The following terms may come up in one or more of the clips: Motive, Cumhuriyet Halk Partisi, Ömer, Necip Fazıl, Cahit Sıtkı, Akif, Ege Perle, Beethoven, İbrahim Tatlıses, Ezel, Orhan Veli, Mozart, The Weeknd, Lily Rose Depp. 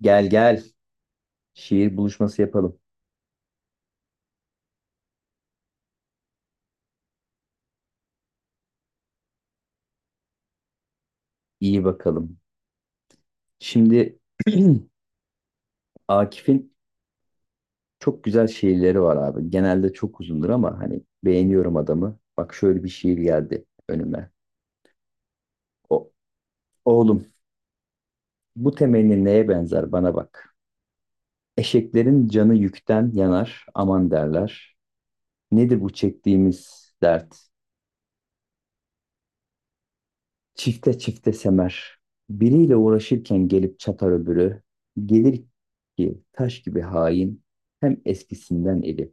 Gel gel. Şiir buluşması yapalım. İyi bakalım. Şimdi Akif'in çok güzel şiirleri var abi. Genelde çok uzundur ama hani beğeniyorum adamı. Bak şöyle bir şiir geldi önüme. O, oğlum bu temenni neye benzer bana bak. Eşeklerin canı yükten yanar aman derler. Nedir bu çektiğimiz dert? Çifte çifte semer. Biriyle uğraşırken gelip çatar öbürü. Gelir ki taş gibi hain. Hem eskisinden eli.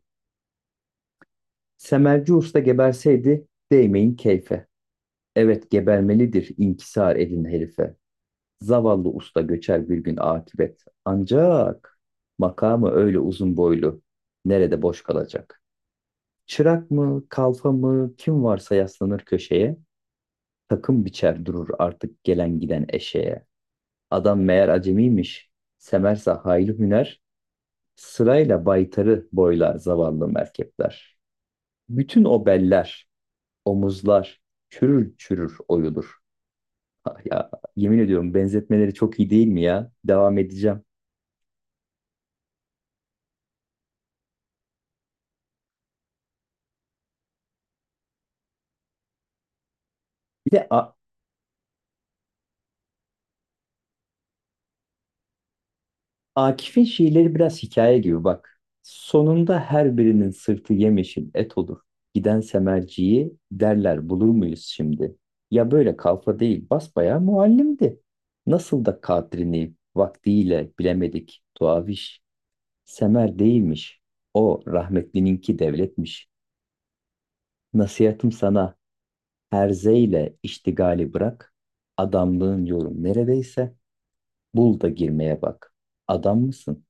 Semerci usta geberseydi değmeyin keyfe. Evet gebermelidir inkisar edin herife. Zavallı usta göçer bir gün akibet. Ancak makamı öyle uzun boylu. Nerede boş kalacak? Çırak mı, kalfa mı, kim varsa yaslanır köşeye. Takım biçer durur artık gelen giden eşeğe. Adam meğer acemiymiş. Semersa hayli hüner, sırayla baytarı boylar zavallı merkepler. Bütün o beller, omuzlar çürür çürür oyulur. Ah, ya yemin ediyorum benzetmeleri çok iyi değil mi ya? Devam edeceğim. Bir de a- Akif'in şiirleri biraz hikaye gibi bak. Sonunda her birinin sırtı yemyeşil et olur. Giden semerciyi derler bulur muyuz şimdi? Ya böyle kalfa değil basbayağı muallimdi. Nasıl da kadrini vaktiyle bilemedik tuaviş. Semer değilmiş. O rahmetlininki devletmiş. Nasihatım sana herzeyle iştigali bırak. Adamlığın yolu neredeyse bul da girmeye bak. Adam mısın?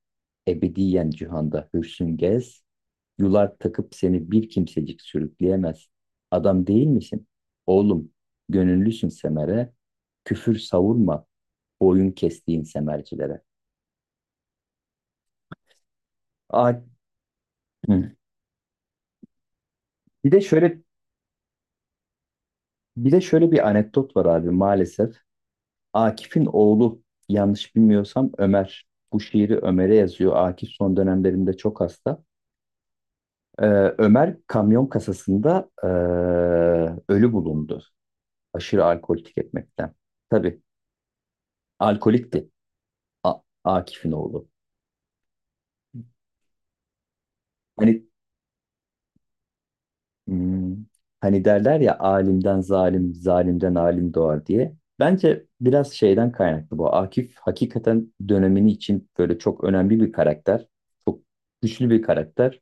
Ebediyen cihanda hürsün gez, yular takıp seni bir kimsecik sürükleyemez. Adam değil misin? Oğlum, gönüllüsün semere, küfür savurma, boyun kestiğin semercilere. A- Hı. bir de şöyle Bir de şöyle bir anekdot var abi maalesef. Akif'in oğlu yanlış bilmiyorsam Ömer. Bu şiiri Ömer'e yazıyor. Akif son dönemlerinde çok hasta. Ee, Ömer kamyon kasasında ölü bulundu. Aşırı alkol tüketmekten. Tabii alkolikti, Akif'in oğlu. Hani hmm, hani derler ya alimden zalim, zalimden alim doğar diye. Bence biraz şeyden kaynaklı bu. Akif hakikaten dönemini için böyle çok önemli bir karakter. Çok güçlü bir karakter.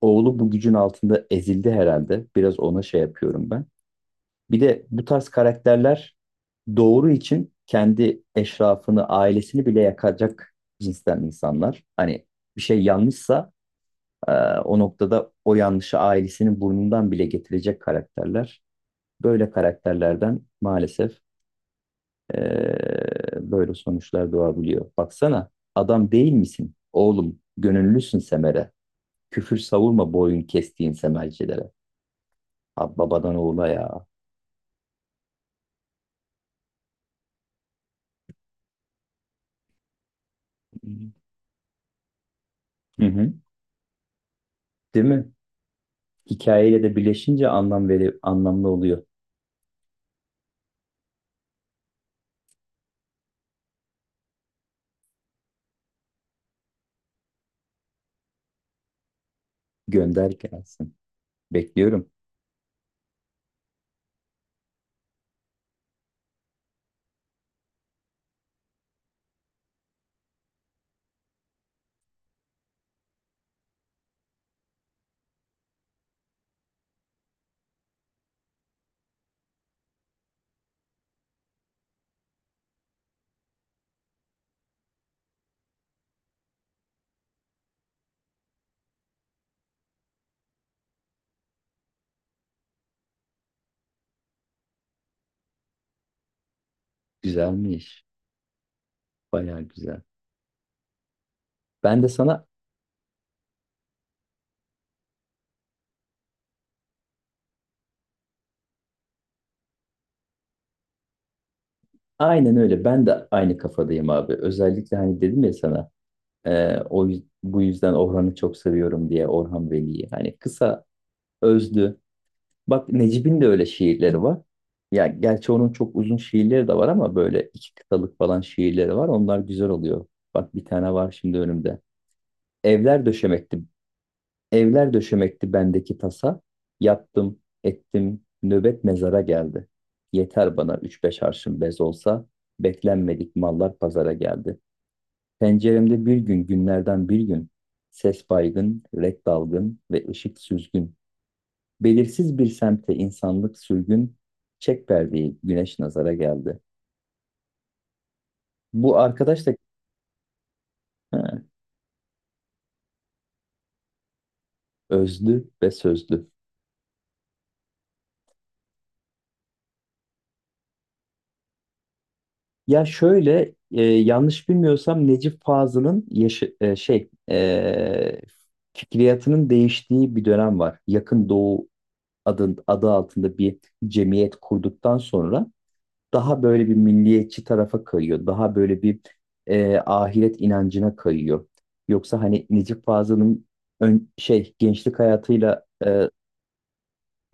Oğlu bu gücün altında ezildi herhalde. Biraz ona şey yapıyorum ben. Bir de bu tarz karakterler doğru için kendi eşrafını, ailesini bile yakacak cinsten insanlar. Hani bir şey yanlışsa e, o noktada o yanlışı ailesinin burnundan bile getirecek karakterler. Böyle karakterlerden maalesef e, böyle sonuçlar doğabiliyor. Baksana adam değil misin? Oğlum gönüllüsün Semer'e. Küfür savurma boyun kestiğin Semercilere. Ha, babadan oğula ya. Hı hı. Değil mi? Hikayeyle de birleşince anlamlı oluyor. Gönder gelsin. Bekliyorum. Güzelmiş. Bayağı güzel. Ben de sana aynen öyle. Ben de aynı kafadayım abi. Özellikle hani dedim ya sana e, bu yüzden Orhan'ı çok seviyorum diye, Orhan Veli'yi. Hani kısa, özlü. Bak Necip'in de öyle şiirleri var. Ya gerçi onun çok uzun şiirleri de var ama böyle iki kıtalık falan şiirleri var. Onlar güzel oluyor. Bak bir tane var şimdi önümde. Evler döşemekti Evler döşemekti bendeki tasa. Yattım, ettim, nöbet mezara geldi. Yeter bana üç beş arşın bez olsa, beklenmedik mallar pazara geldi. Penceremde bir gün günlerden bir gün, ses baygın, renk dalgın ve ışık süzgün. Belirsiz bir semte insanlık sürgün, çek perdeyi güneş nazara geldi. Bu arkadaş da ha, özlü ve sözlü. Ya şöyle yanlış bilmiyorsam Necip Fazıl'ın yaşı, fikriyatının değiştiği bir dönem var. Yakın Doğu adı altında bir cemiyet kurduktan sonra daha böyle bir milliyetçi tarafa kayıyor. Daha böyle bir ahiret inancına kayıyor. Yoksa hani Necip Fazıl'ın ön, şey gençlik hayatıyla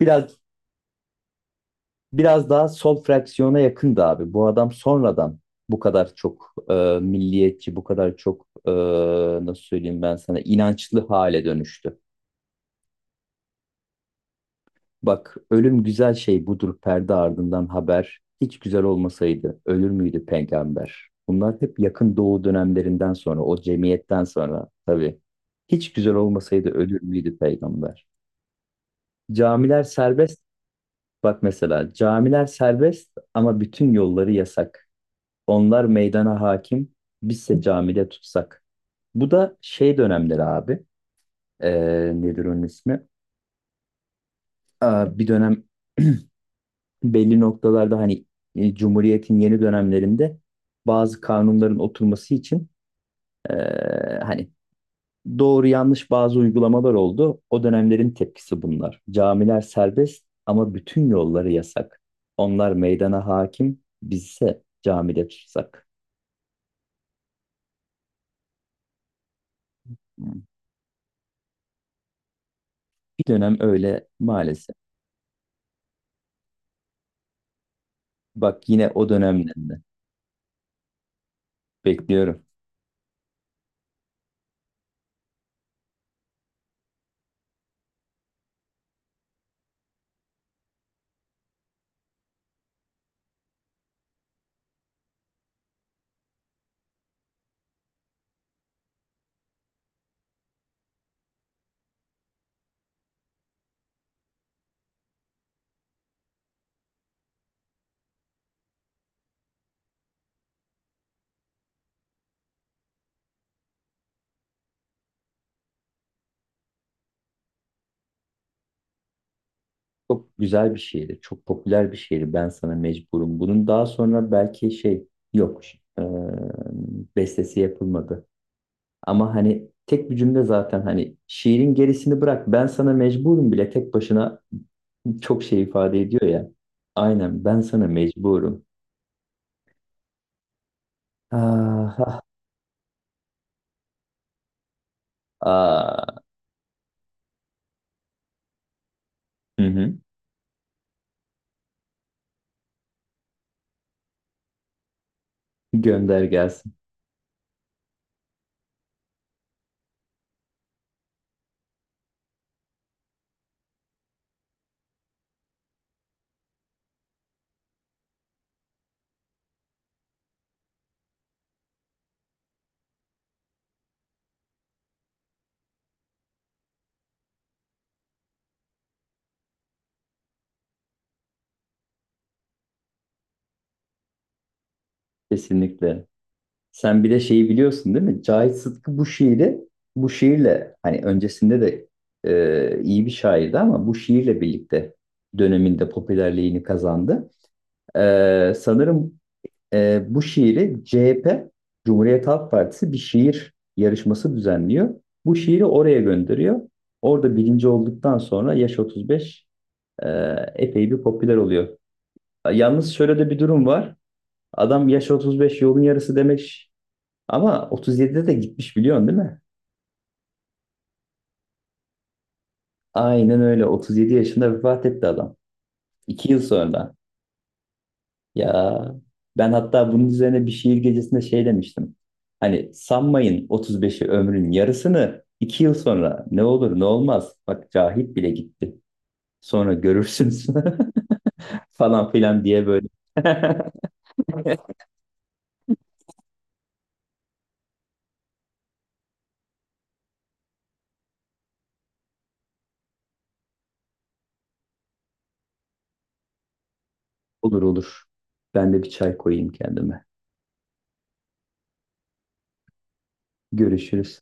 biraz biraz daha sol fraksiyona yakındı abi. Bu adam sonradan bu kadar çok milliyetçi, bu kadar çok nasıl söyleyeyim ben sana, inançlı hale dönüştü. Bak ölüm güzel şey budur perde ardından haber. Hiç güzel olmasaydı ölür müydü peygamber? Bunlar hep yakın doğu dönemlerinden sonra, o cemiyetten sonra tabii. Hiç güzel olmasaydı ölür müydü peygamber? Camiler serbest. Bak mesela camiler serbest ama bütün yolları yasak. Onlar meydana hakim. Bizse camide tutsak. Bu da şey dönemleri abi. Nedir onun ismi? Aa, bir dönem belli noktalarda hani Cumhuriyet'in yeni dönemlerinde bazı kanunların oturması için e, hani doğru yanlış bazı uygulamalar oldu. O dönemlerin tepkisi bunlar. Camiler serbest ama bütün yolları yasak. Onlar meydana hakim, bizse camide tutsak. Bir dönem öyle maalesef. Bak yine o dönemlerinde. Bekliyorum. Çok güzel bir şiirdi. Çok popüler bir şiirdi. Ben sana mecburum. Bunun daha sonra belki şey yok. Eee, bestesi yapılmadı. Ama hani tek bir cümle zaten, hani şiirin gerisini bırak. Ben sana mecburum bile tek başına çok şey ifade ediyor ya. Aynen ben sana mecburum. Ah, ah, ah. Hı hı. Gönder gelsin. Kesinlikle. Sen bir de şeyi biliyorsun değil mi? Cahit Sıtkı bu şiirle hani öncesinde de iyi bir şairdi ama bu şiirle birlikte döneminde popülerliğini kazandı. Sanırım bu şiiri CHP, Cumhuriyet Halk Partisi, bir şiir yarışması düzenliyor. Bu şiiri oraya gönderiyor. Orada birinci olduktan sonra yaş 35 e, epey bir popüler oluyor. Yalnız şöyle de bir durum var. Adam yaş 35 yolun yarısı demek ama 37'de de gitmiş, biliyorsun değil mi? Aynen öyle. 37 yaşında vefat etti adam. 2 yıl sonra. Ya ben hatta bunun üzerine bir şiir gecesinde şey demiştim. Hani sanmayın 35'i ömrün yarısını, 2 yıl sonra ne olur ne olmaz. Bak Cahit bile gitti. Sonra görürsünüz falan filan diye böyle. Olur olur. Ben de bir çay koyayım kendime. Görüşürüz.